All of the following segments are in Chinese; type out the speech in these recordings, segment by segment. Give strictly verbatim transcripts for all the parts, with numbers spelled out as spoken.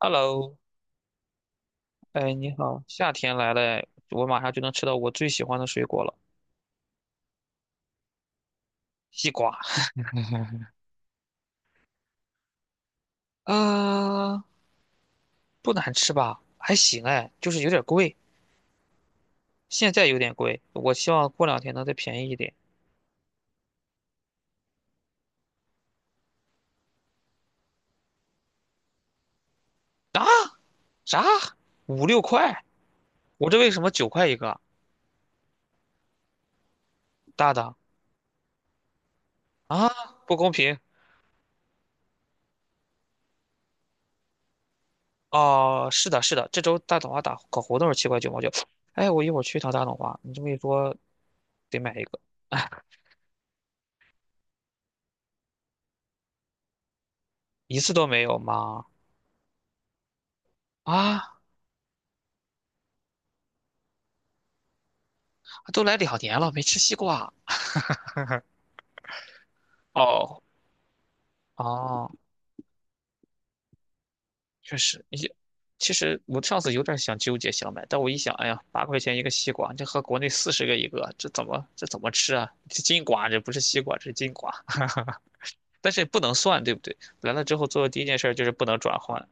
Hello，哎，你好，夏天来了哎，我马上就能吃到我最喜欢的水果了，西瓜 啊，不难吃吧？还行哎，就是有点贵，现在有点贵，我希望过两天能再便宜一点。啊，啥？五六块？我这为什么九块一个？大的啊，不公平。哦，是的，是的，这周大董花打搞活动是七块九毛九。哎，我一会儿去一趟大董花，你这么一说，得买一个，一次都没有吗？啊，都来两年了，没吃西瓜。哦，哦，确实，也其实我上次有点想纠结想买，但我一想，哎呀，八块钱一个西瓜，这和国内四十个一个，这怎么这怎么吃啊？这金瓜，这不是西瓜，这是金瓜，但是也不能算，对不对？来了之后做的第一件事儿就是不能转换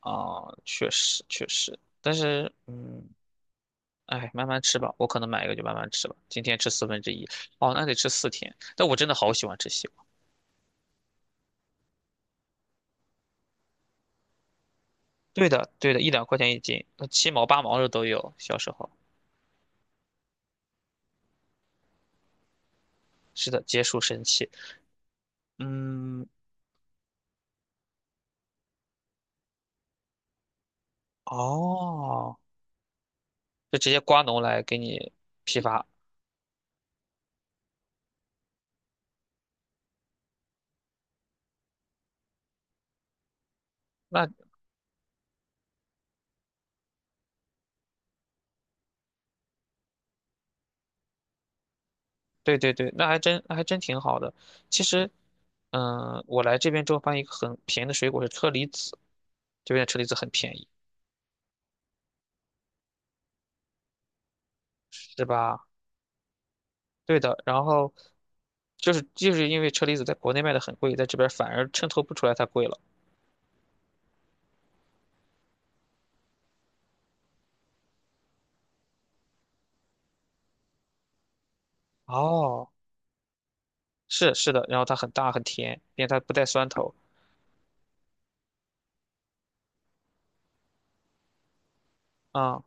啊，确实确实，但是嗯。哎，慢慢吃吧，我可能买一个就慢慢吃吧。今天吃四分之一，哦，那得吃四天。但我真的好喜欢吃西瓜。对的，对的，一两块钱一斤，那七毛八毛的都有。小时候，是的，结束神器。嗯，哦，就直接瓜农来给你批发。那对对对，那还真那还真挺好的。其实，嗯，我来这边之后发现一个很便宜的水果是车厘子，这边的车厘子很便宜，是吧？对的。然后就是就是因为车厘子在国内卖的很贵，在这边反而衬托不出来它贵了。哦，是是的，然后它很大很甜，并且它不带酸头。啊，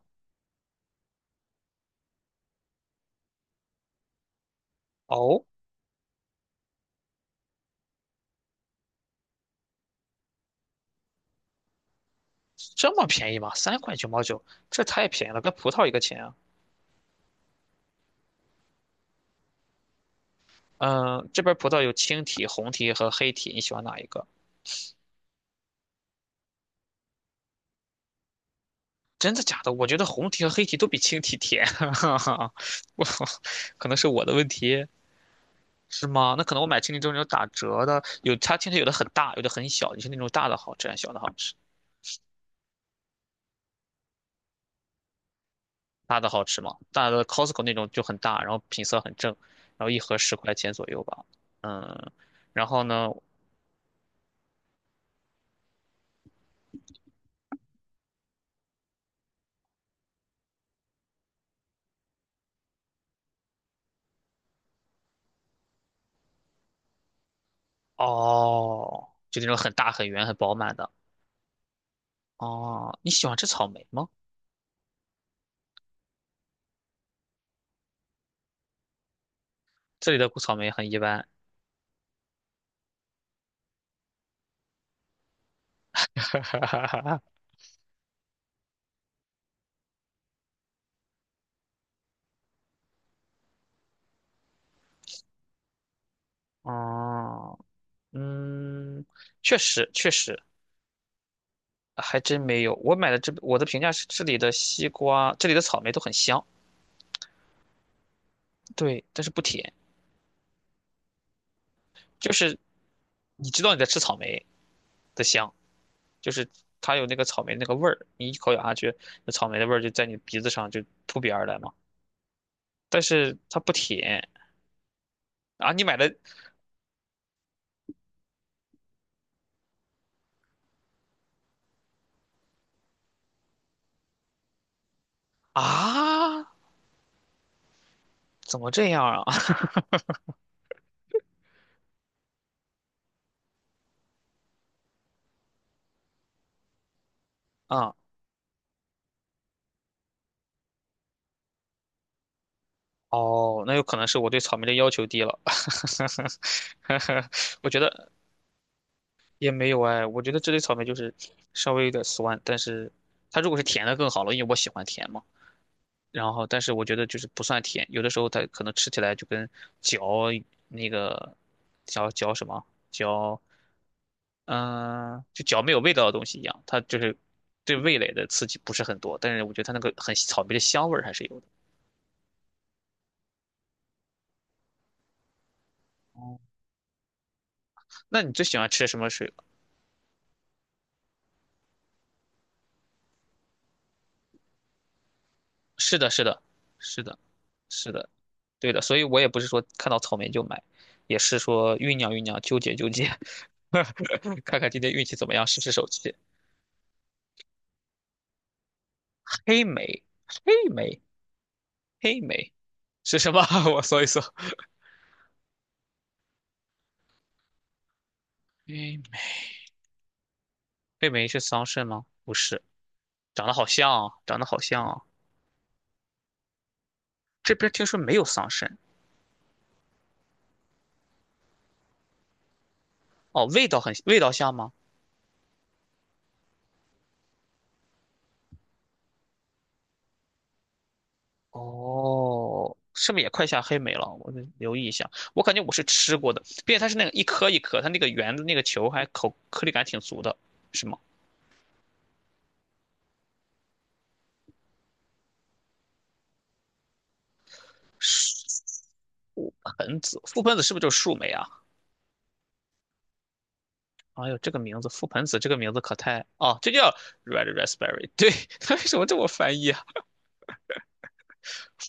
哦，这么便宜吗？三块九毛九，这太便宜了，跟葡萄一个钱啊。嗯，这边葡萄有青提、红提和黑提，你喜欢哪一个？真的假的？我觉得红提和黑提都比青提甜，我可能是我的问题，是吗？那可能我买青提都是那种打折的，有它青提有的很大，有的很小，你是那种大的好吃还是小的好吃？大的好吃吗？大的 Costco 那种就很大，然后品色很正，然后一盒十块钱左右吧。嗯，然后呢？哦，就那种很大、很圆、很饱满的。哦，你喜欢吃草莓吗？这里的草莓很一般。哦，嗯，确实确实，还真没有。我买的这我的评价是这里的西瓜，这里的草莓都很香，对，但是不甜，就是你知道你在吃草莓的香，就是它有那个草莓那个味儿，你一口咬下去，那草莓的味儿就在你鼻子上就扑鼻而来嘛。但是它不甜啊，你买的啊，怎么这样啊？啊，哦，那有可能是我对草莓的要求低了。我觉得也没有哎，我觉得这类草莓就是稍微有点酸，但是它如果是甜的更好了，因为我喜欢甜嘛。然后，但是我觉得就是不算甜，有的时候它可能吃起来就跟嚼那个嚼嚼什么嚼，嗯、就嚼没有味道的东西一样，它就是对味蕾的刺激不是很多，但是我觉得它那个很草莓的香味儿还是有的。那你最喜欢吃什么水果？是的，是的，是的，是的，对的。所以我也不是说看到草莓就买，也是说酝酿酝酿，纠结纠结，看看今天运气怎么样，试试手气。黑莓，黑莓，黑莓是什么？我搜一搜。黑莓黑莓是桑葚吗？不是，长得好像啊，长得好像啊。这边听说没有桑葚。哦，味道很，味道像吗？哦，是不是也快下黑莓了？我得留意一下。我感觉我是吃过的，并且它是那个一颗一颗，它那个圆的那个球还口颗粒感挺足的，是吗？覆盆子，覆盆子是不是就是树莓啊？哎呦，这个名字，覆盆子这个名字可太……哦，这叫 red raspberry。对，它为什么这么翻译啊？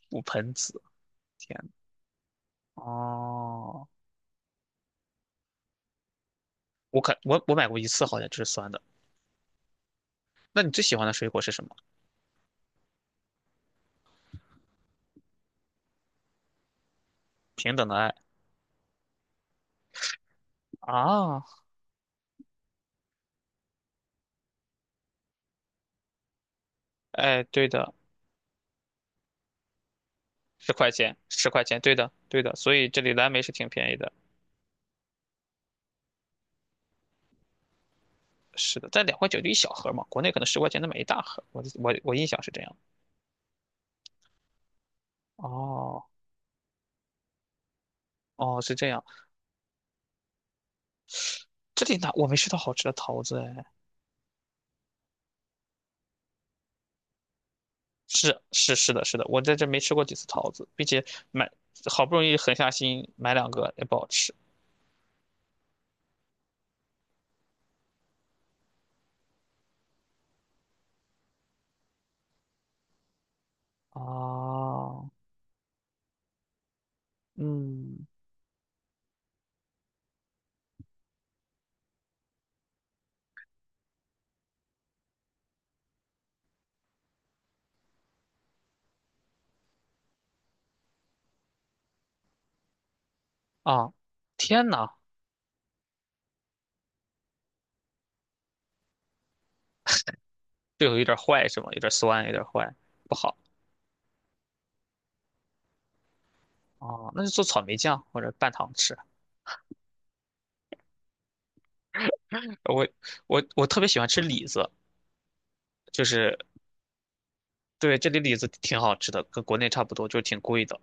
覆盆子，天呐哦，我可我我买过一次，好像就是酸的。那你最喜欢的水果是什么？平等的爱啊，哎，对的。十块钱，十块钱，对的，对的，所以这里蓝莓是挺便宜的，是的，在两块九就一小盒嘛，国内可能十块钱能买一大盒，我我我印象是这样。哦哦，是这样，这里哪我没吃到好吃的桃子哎，是是是的，是的，我在这没吃过几次桃子，并且买好不容易狠下心买两个也不好吃。哦，嗯啊，天呐，这个有点坏是吗？有点酸，有点坏，不好。哦，那就做草莓酱或者拌糖吃。我我我特别喜欢吃李子，就是对这里李子挺好吃的，跟国内差不多，就是挺贵的。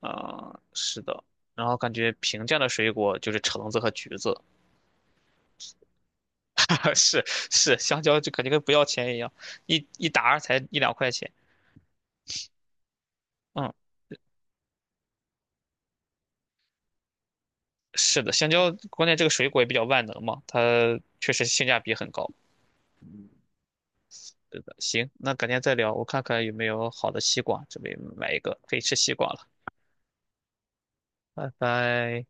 啊、是的。然后感觉平价的水果就是橙子和橘子，是是，香蕉就感觉跟不要钱一样，一一打儿才一两块钱。嗯，是的，香蕉关键这个水果也比较万能嘛，它确实性价比很高。是的，行，那改天再聊，我看看有没有好的西瓜，准备买一个，可以吃西瓜了，拜拜。